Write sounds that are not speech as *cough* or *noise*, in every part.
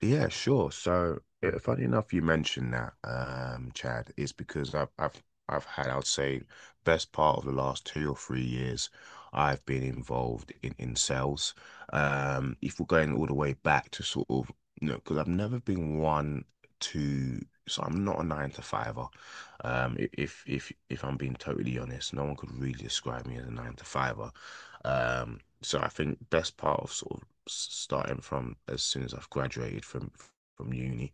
Yeah, sure. So, funny enough, you mentioned that, Chad, is because I've had, I'd say, best part of the last 2 or 3 years, I've been involved in sales. If we're going all the way back to sort of, you know, because I've never been one to, so I'm not a nine to fiver. If I'm being totally honest, no one could really describe me as a nine to fiver. Um, so I think best part of sort of starting from as soon as I've graduated from uni,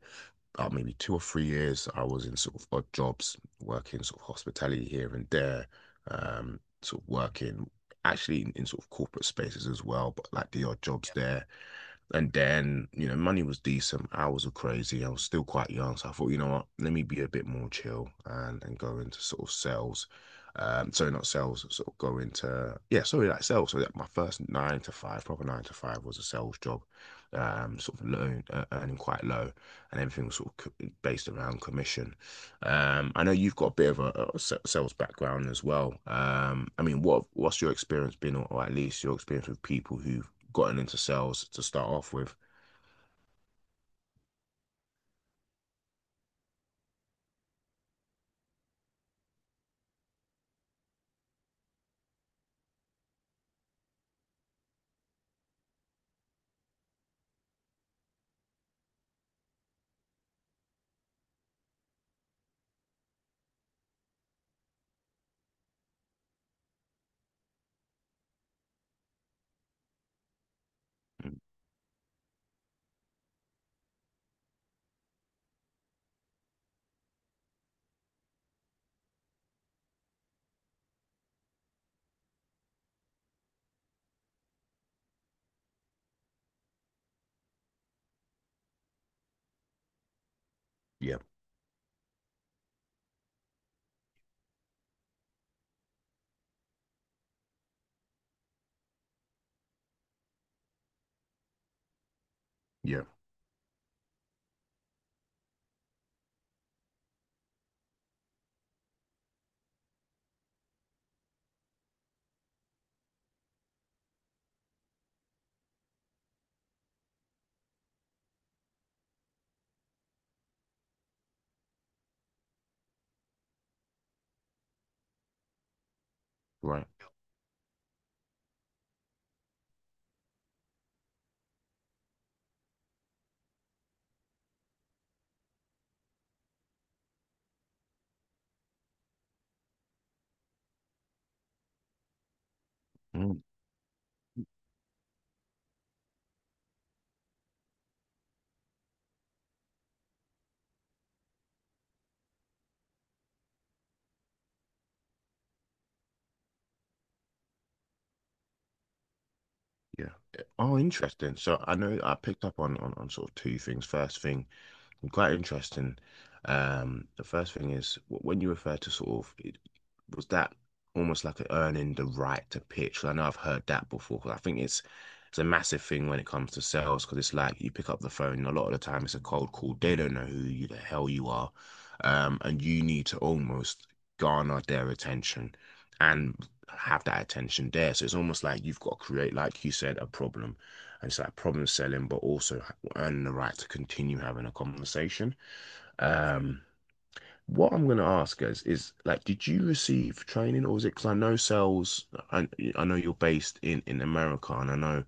about maybe 2 or 3 years, I was in sort of odd jobs, working sort of hospitality here and there, sort of working actually in sort of corporate spaces as well, but like the odd jobs there. And then, you know, money was decent. Hours were crazy. I was still quite young. So I thought, you know what, let me be a bit more chill and go into sort of sales. Sorry, not sales, sort of go into, yeah, sorry, like sales. So that my first nine to five, proper nine to five was a sales job, sort of low, earning quite low. And everything was sort of based around commission. I know you've got a bit of a, a sales background as well. I mean, what's your experience been, or at least your experience with people who've gotten into sales to start off with. Mm. Yeah, yeah, right. Mm. Yeah. Oh, interesting. So I know I picked up on sort of two things. First thing, quite interesting. The first thing is when you refer to sort of it, was that almost like a earning the right to pitch? 'Cause I know I've heard that before. 'Cause I think it's a massive thing when it comes to sales because it's like you pick up the phone and a lot of the time it's a cold call. They don't know who you, the hell you are, and you need to almost garner their attention and have that attention there. So it's almost like you've got to create, like you said, a problem. And it's like problem selling, but also and the right to continue having a conversation. Um, what I'm going to ask is like, did you receive training, or was it? Because I know sales, I, I know you're based in America, and I know,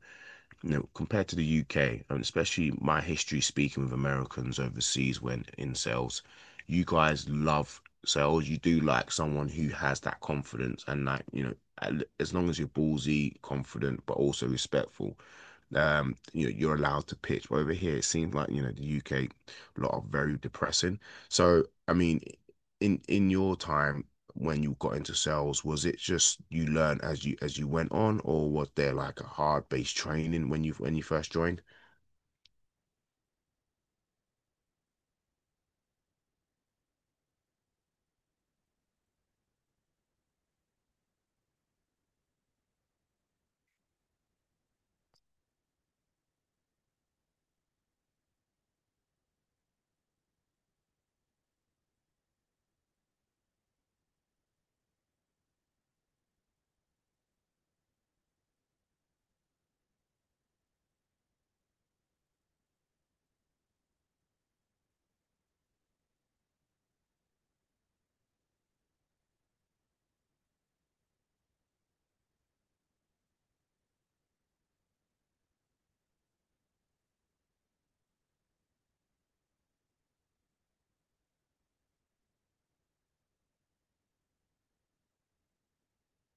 you know, compared to the UK, and especially my history speaking with Americans overseas when in sales, you guys love sales. You do like someone who has that confidence and like, you know, as long as you're ballsy, confident, but also respectful. You know, you're allowed to pitch. But over here, it seems like, you know, the UK, a lot of very depressing. So, I mean, in your time when you got into sales, was it just you learned as you went on, or was there like a hard-based training when you first joined?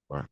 Right.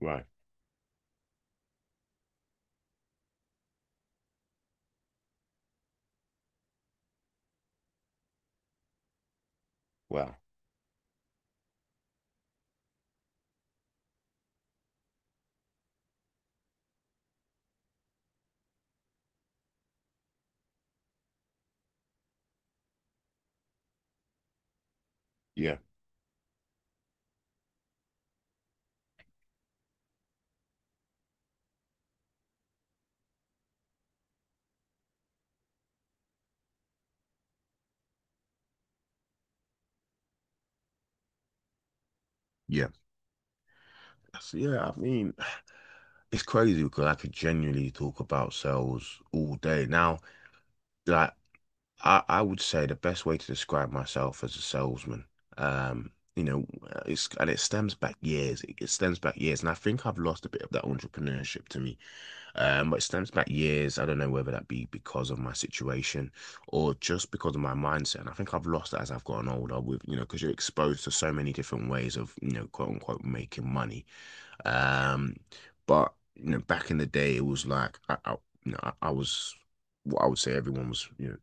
Right. Wow. Yeah. Yeah. So, yeah, I mean, it's crazy because I could genuinely talk about sales all day. Now, like I would say the best way to describe myself as a salesman, you know, it's and it stems back years. It stems back years, and I think I've lost a bit of that entrepreneurship to me. But it stems back years. I don't know whether that be because of my situation or just because of my mindset. And I think I've lost that as I've gotten older. With you know, because you're exposed to so many different ways of you know, quote unquote, making money. Um, but you know, back in the day, it was like I you know, I was what I would say everyone was, you know,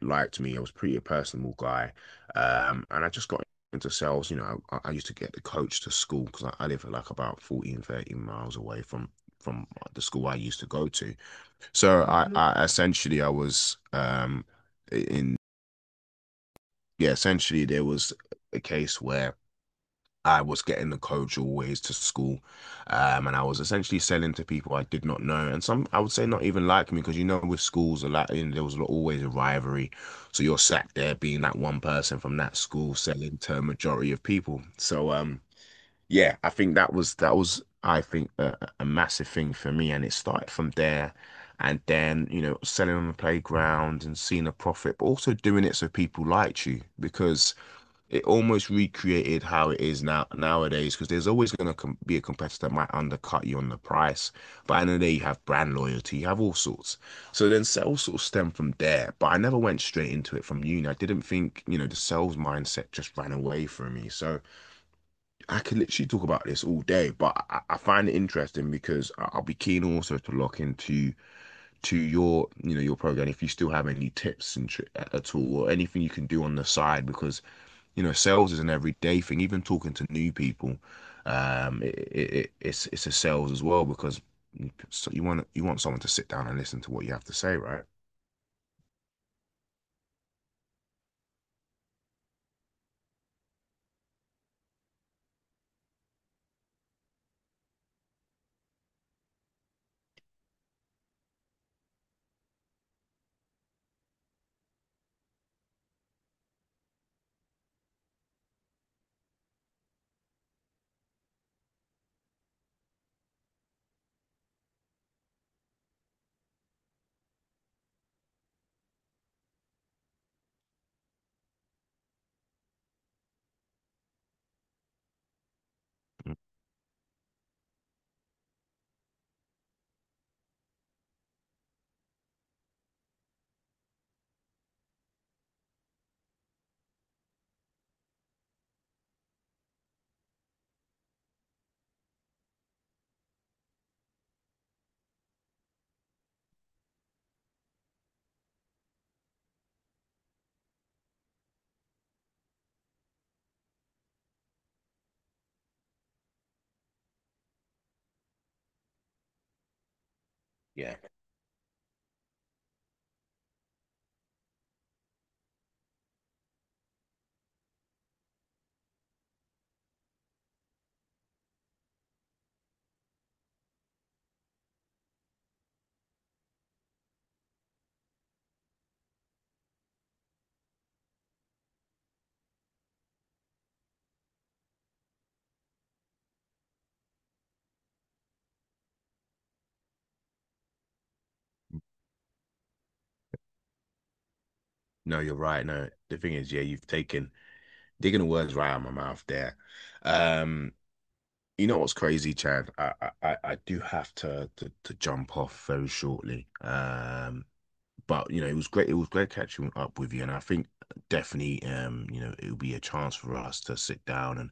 liked me. I was pretty a personable guy, and I just got into sales. You know, I used to get the coach to school because I live like about 14, 13 miles away from the school I used to go to. So I, mhm. I essentially I was in yeah, essentially there was a case where. I was getting the coach always to school, and I was essentially selling to people I did not know, and some I would say not even like me because you know with schools a lot you know there was always a rivalry, so you're sat there being that one person from that school selling to a majority of people. So yeah, I think that was I think a, a massive thing for me, and it started from there, and then you know selling on the playground and seeing a profit, but also doing it so people liked you because it almost recreated how it is now nowadays because there's always going to com be a competitor that might undercut you on the price. But at the end you have brand loyalty, you have all sorts. So then sales sort of stemmed from there. But I never went straight into it from uni. I didn't think, you know, the sales mindset just ran away from me. So I could literally talk about this all day, but I find it interesting because I'll be keen also to lock into to your, you know, your program if you still have any tips and tr at all or anything you can do on the side because you know, sales is an everyday thing. Even talking to new people, it's it's a sales as well because so you want someone to sit down and listen to what you have to say, right? Mm. Yeah. No, you're right. No, the thing is, yeah, you've taken digging the words right out of my mouth there. Um, you know what's crazy, Chad? I do have to, to jump off very shortly. But you know, it was great. It was great catching up with you, and I think definitely, you know, it'll be a chance for us to sit down and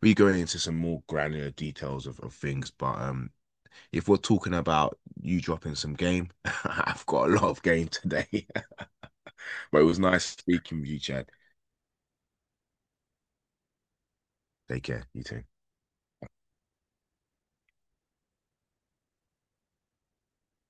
be going into some more granular details of things, but if we're talking about you dropping some game, *laughs* I've got a lot of game today. *laughs* But it was nice speaking with you, Chad. Take care. You too.